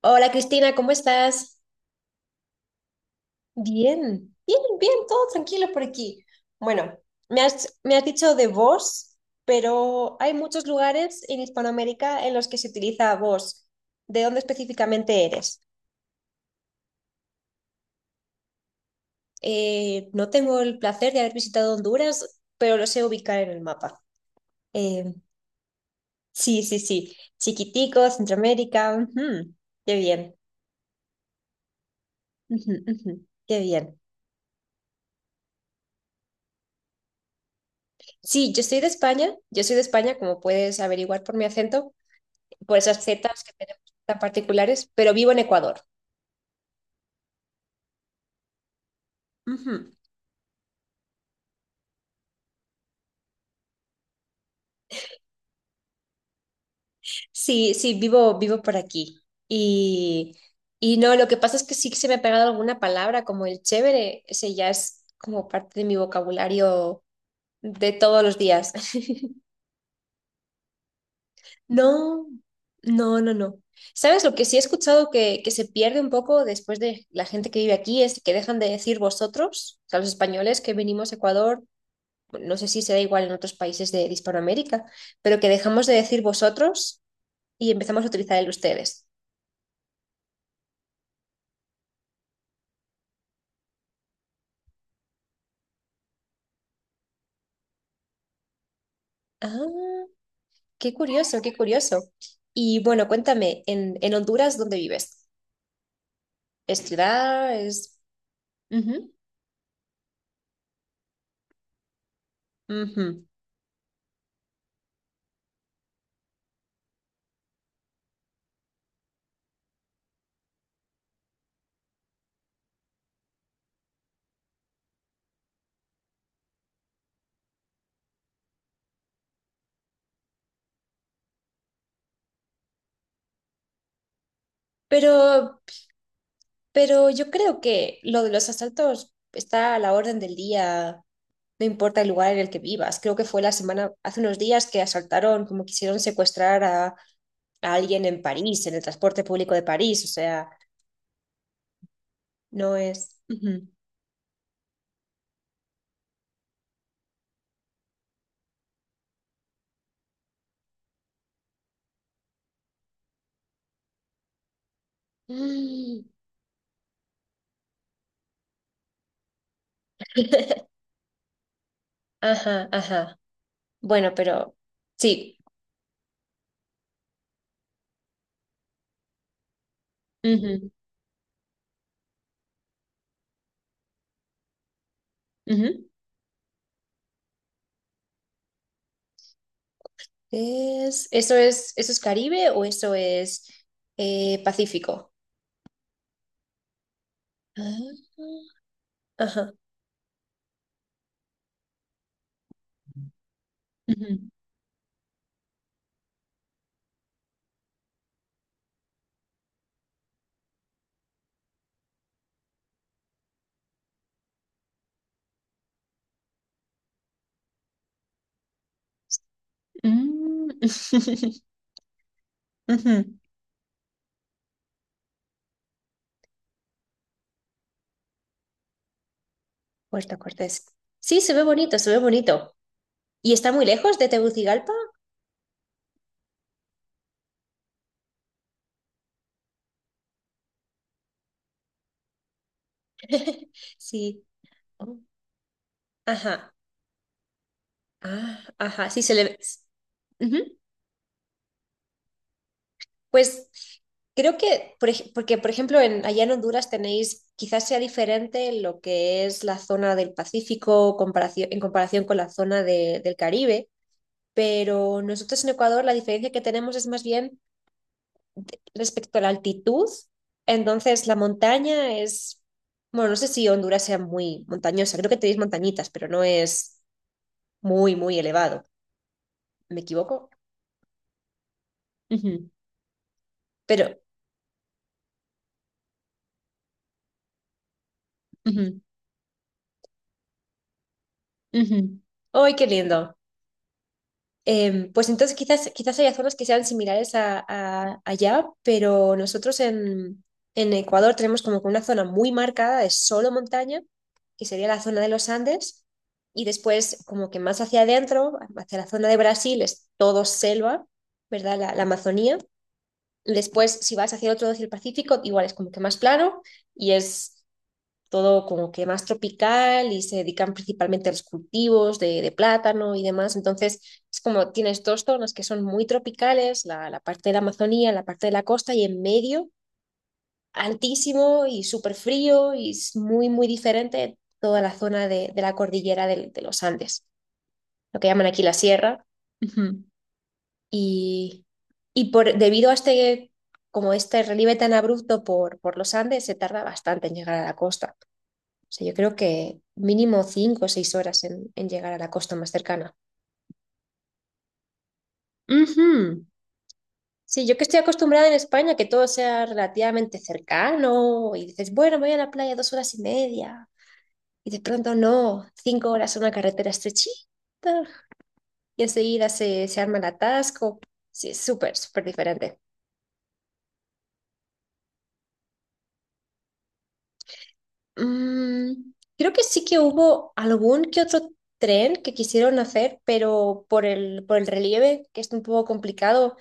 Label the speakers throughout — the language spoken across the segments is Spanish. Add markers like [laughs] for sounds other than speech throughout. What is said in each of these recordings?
Speaker 1: Hola Cristina, ¿cómo estás? Bien, bien, bien, todo tranquilo por aquí. Bueno, me has dicho de vos, pero hay muchos lugares en Hispanoamérica en los que se utiliza vos. ¿De dónde específicamente eres? No tengo el placer de haber visitado Honduras, pero lo sé ubicar en el mapa. Eh, sí, sí, sí. Chiquitico, Centroamérica. Ujú. Qué bien. Ujú, ujú. Qué bien. Sí, yo soy de España. Yo soy de España, como puedes averiguar por mi acento. Por esas zetas que tenemos tan particulares, pero vivo en Ecuador. Ujú. Sí, sí, vivo por aquí. Y, y no, lo que pasa es que sí que se me ha pegado alguna palabra, como el chévere, ese ya es como parte de mi vocabulario de todos los días. [laughs] No, no, no, no. ¿Sabes lo que sí he escuchado que se pierde un poco después de la gente que vive aquí es que dejan de decir vosotros, o sea, los españoles que venimos a Ecuador, no sé si será igual en otros países de Hispanoamérica, pero que dejamos de decir vosotros y empezamos a utilizar el ustedes. Ah, qué curioso, qué curioso. Y bueno, cuéntame, en Honduras, ¿dónde vives? ¿Es ciudad? ¿Es...? Ujú, ujú. Pero, pero yo creo que lo de los asaltos está a la orden del día, no importa el lugar en el que vivas. Creo que fue la semana, hace unos días que asaltaron, como quisieron secuestrar a alguien en París, en el transporte público de París. O sea, no es. Ujú. Mm. [laughs] Ajá, ajá. Bueno, pero sí. Ujú, ujú. ¿Eso es Caribe o eso es Pacífico? Ah, ajá. Ujú. Mm. [laughs] Ujú. Puerto Cortés. Sí, se ve bonito, se ve bonito. ¿Y está muy lejos de Tegucigalpa? [laughs] Sí. Oh, ajá. Ah, ajá. Sí, se le ve. Ujú. Pues creo que, porque por ejemplo, allá en Honduras tenéis, quizás sea diferente lo que es la zona del Pacífico comparación, en comparación con la zona del Caribe, pero nosotros en Ecuador la diferencia que tenemos es más bien respecto a la altitud. Entonces, la montaña es, bueno, no sé si Honduras sea muy montañosa, creo que tenéis montañitas, pero no es muy, muy elevado. ¿Me equivoco? Ujú. Pero, ujú, ujú. ¡Ay, qué lindo! Pues entonces quizás, quizás haya zonas que sean similares allá, pero nosotros en Ecuador tenemos como que una zona muy marcada de solo montaña, que sería la zona de los Andes, y después como que más hacia adentro, hacia la zona de Brasil, es todo selva, ¿verdad? La Amazonía. Después, si vas hacia el otro, hacia el Pacífico, igual es como que más plano y es todo como que más tropical y se dedican principalmente a los cultivos de plátano y demás. Entonces, es como tienes dos zonas que son muy tropicales, la parte de la Amazonía, la parte de la costa y en medio, altísimo y súper frío y es muy, muy diferente toda la zona de la cordillera los Andes, lo que llaman aquí la sierra. Ujú. Y, y debido a este, como este relieve tan abrupto por los Andes, se tarda bastante en llegar a la costa. O sea, yo creo que mínimo 5 o 6 horas en llegar a la costa más cercana. Ujú. Sí, yo que estoy acostumbrada en España que todo sea relativamente cercano y dices, bueno, me voy a la playa 2 horas y media y de pronto no, 5 horas en una carretera estrechita y enseguida se arma el atasco. Sí, es súper, súper diferente. Mm, Creo que sí que hubo algún que otro tren que quisieron hacer, pero por el relieve, que es un poco complicado,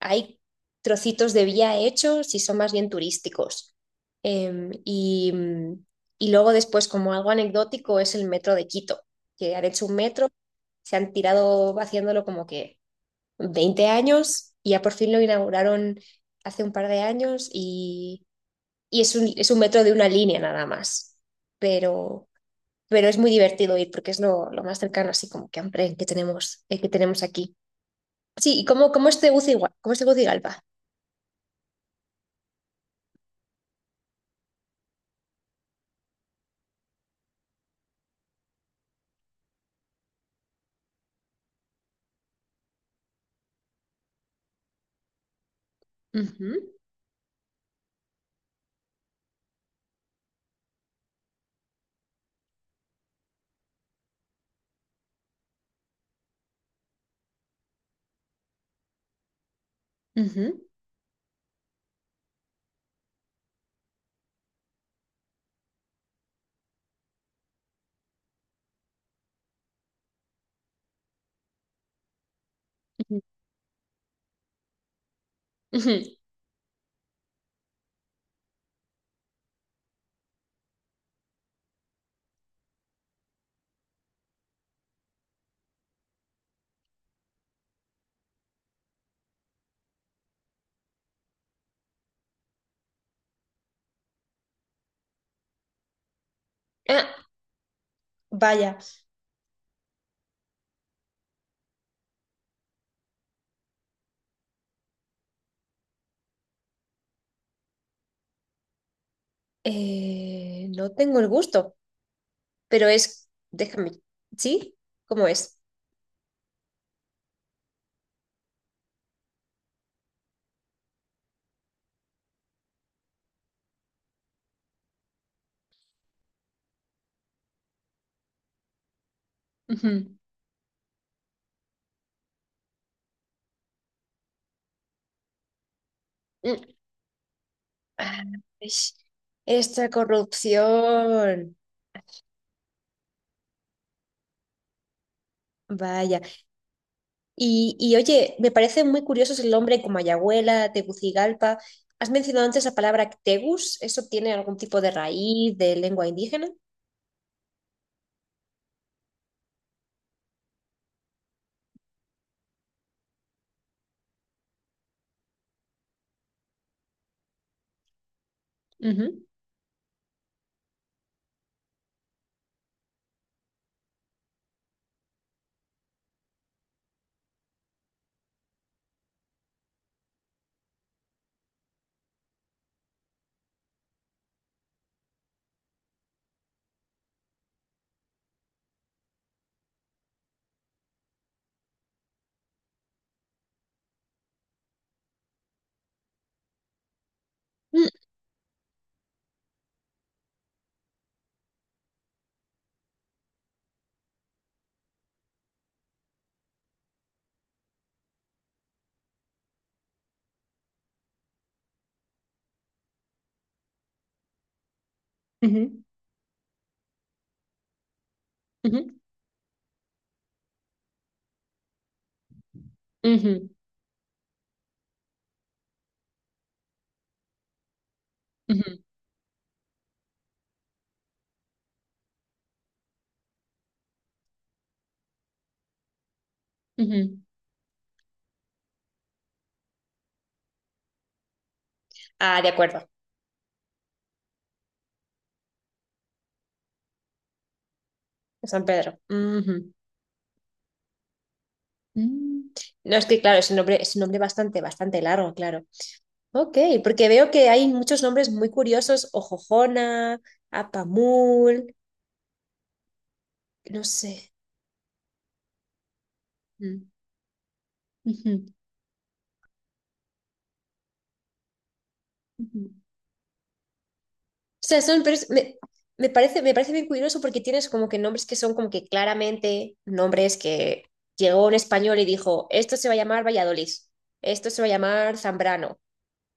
Speaker 1: hay trocitos de vía hechos y son más bien turísticos. Em, y, mm, y luego después, como algo anecdótico, es el metro de Quito, que han hecho un metro, se han tirado haciéndolo como que 20 años y ya por fin lo inauguraron hace un par de años y es un metro de una línea nada más. Pero, pero es muy divertido ir porque es lo más cercano así como que hambre que tenemos aquí. Sí, ¿y cómo es Tegucigalpa? ¿Cómo es Tegucigalpa? Ujú. Ujú, ujú, ujú. Ah, vaya, no tengo el gusto, pero déjame, ¿sí? ¿Cómo es? Ujú. Mm, ah, ish. Esta corrupción. Vaya. Y, oye, me parecen muy curiosos el nombre como Ayahuela, Tegucigalpa. ¿Has mencionado antes la palabra Tegus? ¿Eso tiene algún tipo de raíz de lengua indígena? Ujú. Mm. Ujú, ujú, ujú, ujú, ujú. Ah, de acuerdo. De San Pedro. Ujú. Mm. No, es que claro, es un nombre bastante, bastante largo, claro. Ok, porque veo que hay muchos nombres muy curiosos, Ojojona, Apamul, no sé. Mm. Ujú, ujú. O sea, pero me parece bien curioso porque tienes como que nombres que son como que claramente nombres que llegó un español y dijo, esto se va a llamar Valladolid, esto se va a llamar Zambrano,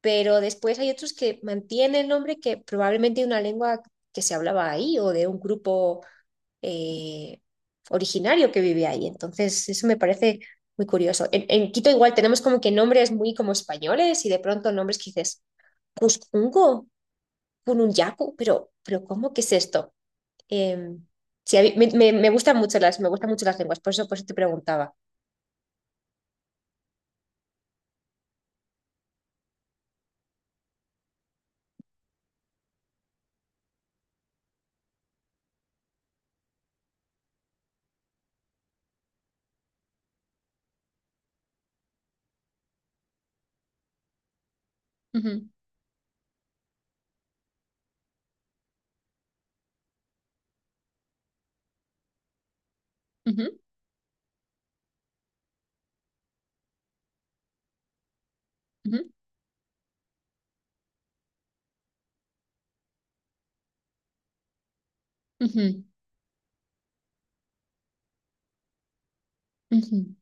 Speaker 1: pero después hay otros que mantienen el nombre que probablemente de una lengua que se hablaba ahí o de un grupo eh, originario que vive ahí. Entonces, eso me parece muy curioso. En Quito igual tenemos como que nombres muy como españoles y de pronto nombres que dices, Cuscungo, Pununyaku, pero ¿cómo que es esto? Eh, sí, a mí- me- me gustan mucho las lenguas, por eso te preguntaba. Ujú, ujú, ujú, ujú,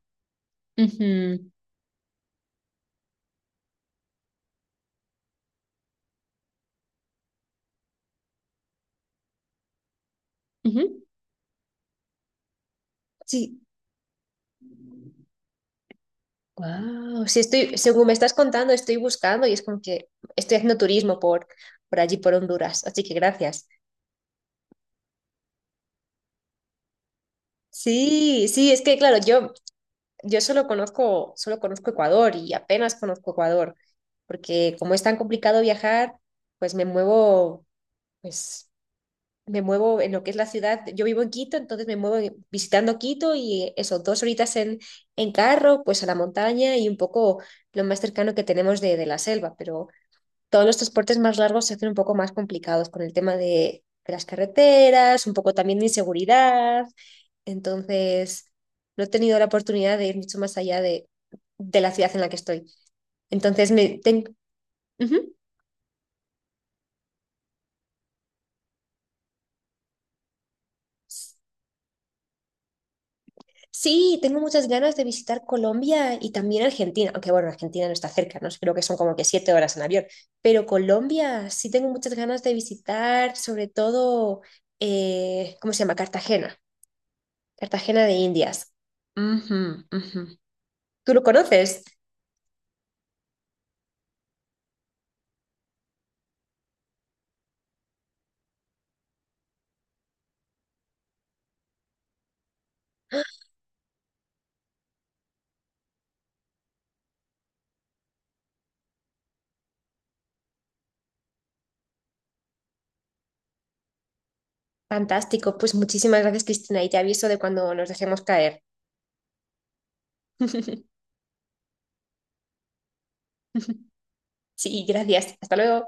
Speaker 1: ujú, ujú. Sí. Wow, sí estoy, según me estás contando, estoy buscando y es como que estoy haciendo turismo por allí, por Honduras, así que gracias. Sí, sí, es que claro, yo solo conozco Ecuador y apenas conozco Ecuador, porque como es tan complicado viajar, pues me muevo, pues me muevo en lo que es la ciudad. Yo vivo en Quito, entonces me muevo visitando Quito y eso, 2 horitas en carro, pues a la montaña y un poco lo más cercano que tenemos de la selva, pero todos los transportes más largos se hacen un poco más complicados con el tema de las carreteras, un poco también de inseguridad. Entonces, no he tenido la oportunidad de ir mucho más allá de la ciudad en la que estoy. Entonces, me ten- Ujú. Sí, tengo muchas ganas de visitar Colombia y también Argentina, aunque bueno, Argentina no está cerca, ¿no? Creo que son como que 7 horas en avión, pero Colombia sí tengo muchas ganas de visitar, sobre todo, ¿cómo se llama? Cartagena, Cartagena de Indias. Ujú, ujú. ¿Tú lo conoces? Fantástico. Pues muchísimas gracias, Cristina, y te aviso de cuando nos dejemos caer. [laughs] Sí, gracias. Hasta luego.